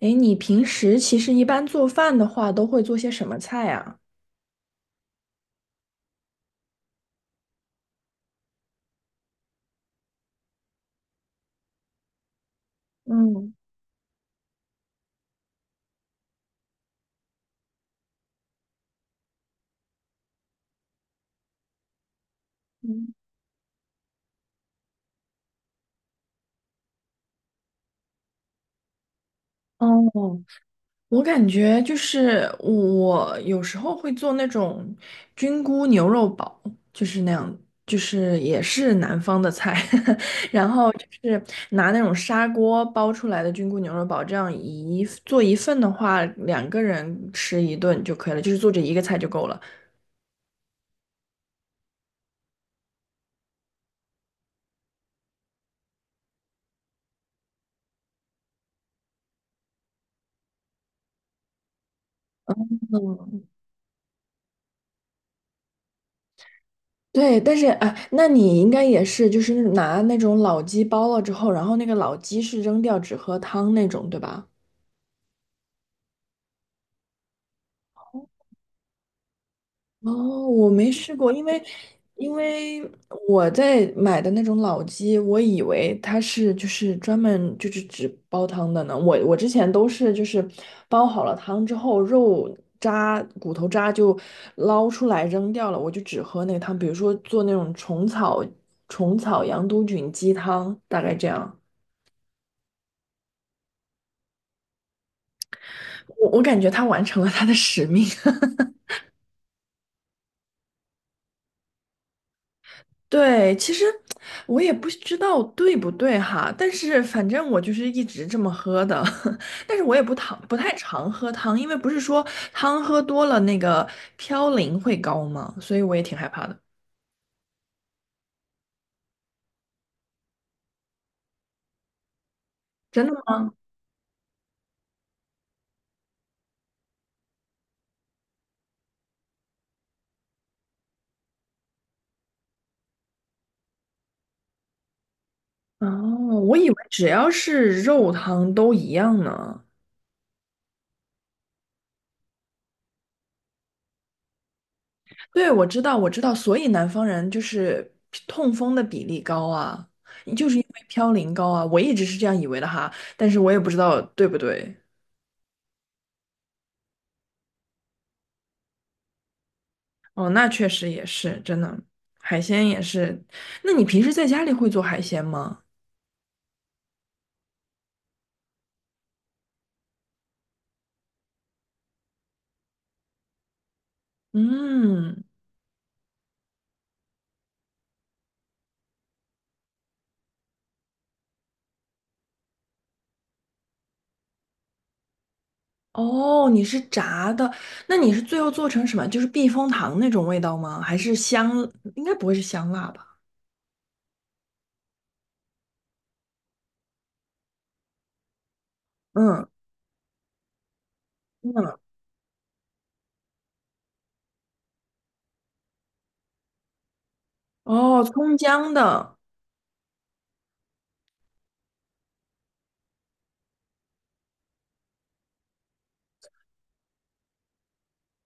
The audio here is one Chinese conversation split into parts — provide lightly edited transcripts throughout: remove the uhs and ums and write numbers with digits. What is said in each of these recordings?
诶，你平时其实一般做饭的话，都会做些什么菜啊？嗯嗯哦，我感觉就是我有时候会做那种菌菇牛肉煲，就是那样，就是也是南方的菜，然后就是拿那种砂锅煲出来的菌菇牛肉煲，这样一做一份的话，两个人吃一顿就可以了，就是做这一个菜就够了。对，但是哎，那你应该也是，就是拿那种老鸡煲了之后，然后那个老鸡是扔掉，只喝汤那种，对吧？哦，我没试过，因为我在买的那种老鸡，我以为它是就是专门就是只煲汤的呢。我之前都是就是煲好了汤之后，肉渣骨头渣就捞出来扔掉了，我就只喝那个汤。比如说做那种虫草羊肚菌鸡汤，大概这样。我感觉他完成了他的使命。对，其实我也不知道对不对哈，但是反正我就是一直这么喝的，但是我也不太常喝汤，因为不是说汤喝多了那个嘌呤会高吗？所以我也挺害怕的。真的吗？哦，我以为只要是肉汤都一样呢。对，我知道，我知道，所以南方人就是痛风的比例高啊，就是因为嘌呤高啊，我一直是这样以为的哈，但是我也不知道对不对。哦，那确实也是，真的，海鲜也是。那你平时在家里会做海鲜吗？嗯，哦，你是炸的，那你是最后做成什么？就是避风塘那种味道吗？还是香？应该不会是香辣吧？嗯嗯，哦，葱姜的。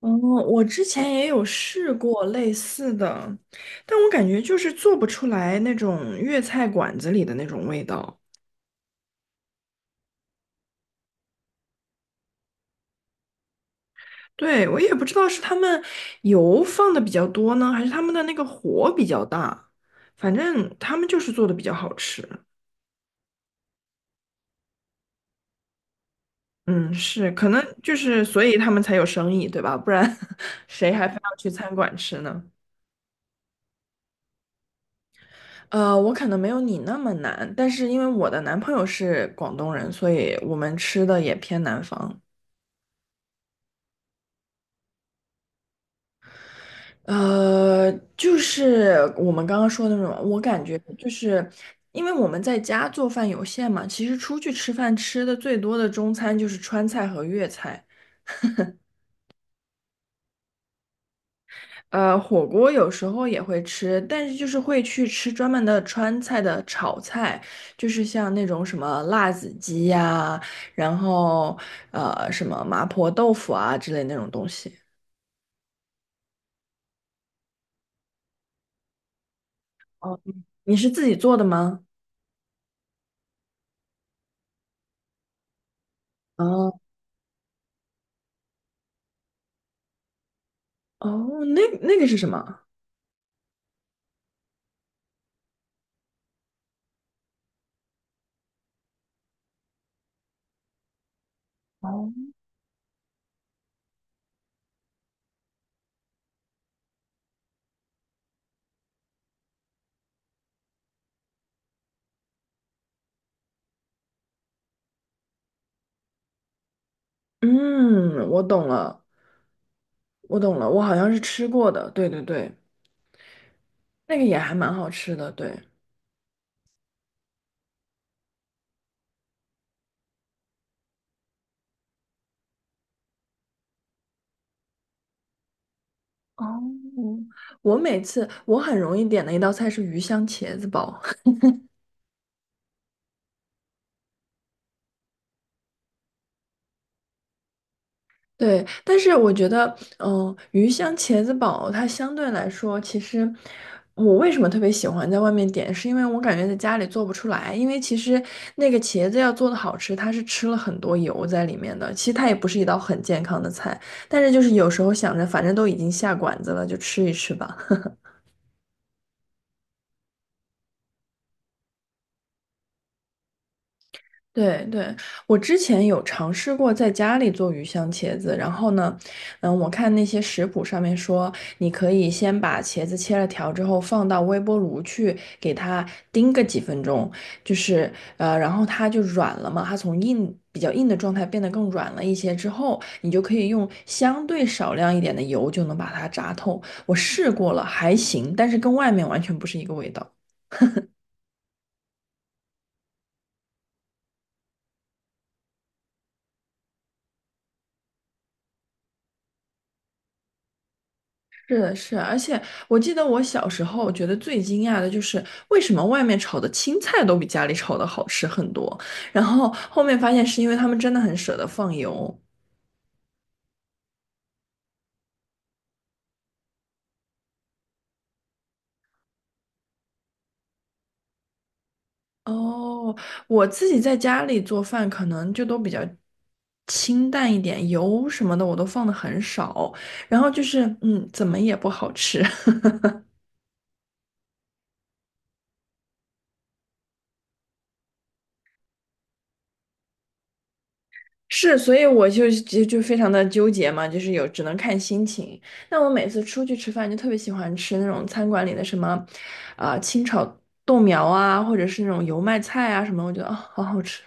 哦，我之前也有试过类似的，但我感觉就是做不出来那种粤菜馆子里的那种味道。对，我也不知道是他们油放的比较多呢，还是他们的那个火比较大，反正他们就是做的比较好吃。嗯，是，可能就是所以他们才有生意，对吧？不然 谁还非要去餐馆吃呢？我可能没有你那么难，但是因为我的男朋友是广东人，所以我们吃的也偏南方。呃，就是我们刚刚说的那种，我感觉就是因为我们在家做饭有限嘛，其实出去吃饭吃的最多的中餐就是川菜和粤菜，火锅有时候也会吃，但是就是会去吃专门的川菜的炒菜，就是像那种什么辣子鸡呀，然后什么麻婆豆腐啊之类那种东西。哦，你是自己做的吗？哦，哦，那那个是什么？嗯，我懂了，我懂了，我好像是吃过的，对对对，那个也还蛮好吃的，对。哦，我每次我很容易点的一道菜是鱼香茄子煲，对，但是我觉得，嗯、鱼香茄子煲它相对来说，其实我为什么特别喜欢在外面点，是因为我感觉在家里做不出来，因为其实那个茄子要做的好吃，它是吃了很多油在里面的，其实它也不是一道很健康的菜，但是就是有时候想着，反正都已经下馆子了，就吃一吃吧。对对，我之前有尝试过在家里做鱼香茄子，然后呢，嗯，我看那些食谱上面说，你可以先把茄子切了条之后放到微波炉去给它叮个几分钟，就是然后它就软了嘛，它从比较硬的状态变得更软了一些之后，你就可以用相对少量一点的油就能把它炸透。我试过了，还行，但是跟外面完全不是一个味道。是的，是的而且我记得我小时候觉得最惊讶的就是为什么外面炒的青菜都比家里炒的好吃很多，然后后面发现是因为他们真的很舍得放油。哦，我自己在家里做饭可能就都比较清淡一点，油什么的我都放的很少，然后就是嗯，怎么也不好吃。是，所以我就非常的纠结嘛，就是只能看心情。那我每次出去吃饭，就特别喜欢吃那种餐馆里的什么，啊、清炒豆苗啊，或者是那种油麦菜啊什么，我觉得啊、好好吃。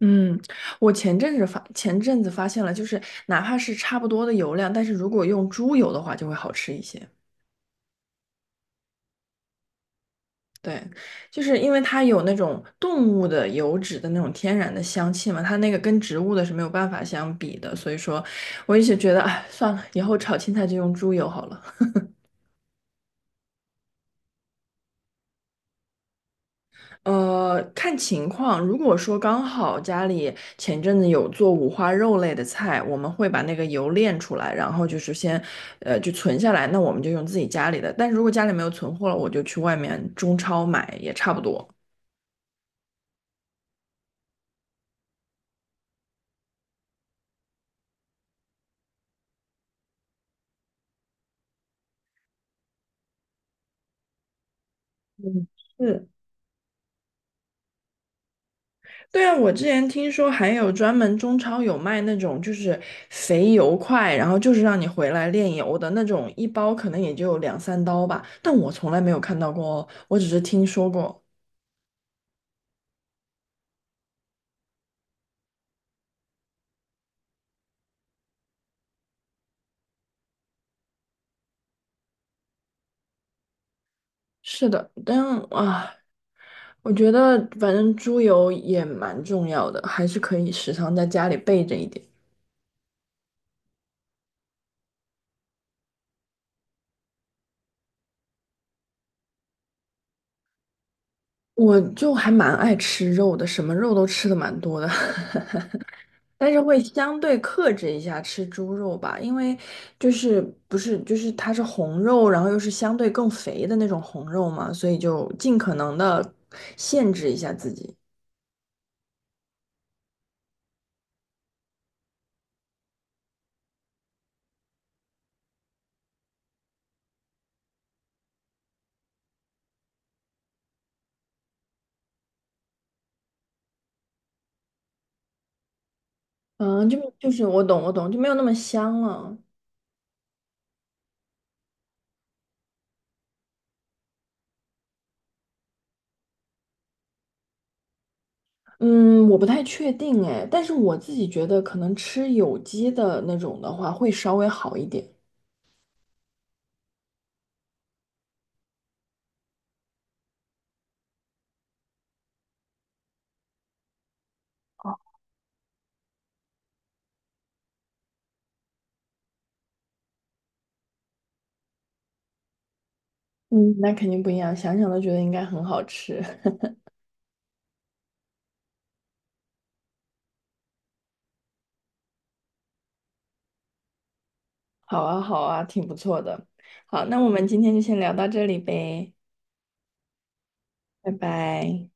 嗯，我前阵子发现了，就是哪怕是差不多的油量，但是如果用猪油的话，就会好吃一些。对，就是因为它有那种动物的油脂的那种天然的香气嘛，它那个跟植物的是没有办法相比的，所以说我一直觉得，哎，算了，以后炒青菜就用猪油好了。看情况，如果说刚好家里前阵子有做五花肉类的菜，我们会把那个油炼出来，然后就是先，就存下来，那我们就用自己家里的。但是如果家里没有存货了，我就去外面中超买，也差不多。嗯，是，对啊，我之前听说还有专门中超有卖那种就是肥油块，然后就是让你回来炼油的那种，一包可能也就两三刀吧，但我从来没有看到过哦，我只是听说过。是的，但啊，我觉得反正猪油也蛮重要的，还是可以时常在家里备着一点。我就还蛮爱吃肉的，什么肉都吃的蛮多的。但是会相对克制一下吃猪肉吧，因为就是不是就是它是红肉，然后又是相对更肥的那种红肉嘛，所以就尽可能的限制一下自己。嗯，就我懂我懂，就没有那么香了。嗯，我不太确定哎，但是我自己觉得可能吃有机的那种的话会稍微好一点。嗯，那肯定不一样，想想都觉得应该很好吃。好啊好啊，挺不错的。好，那我们今天就先聊到这里呗，拜拜。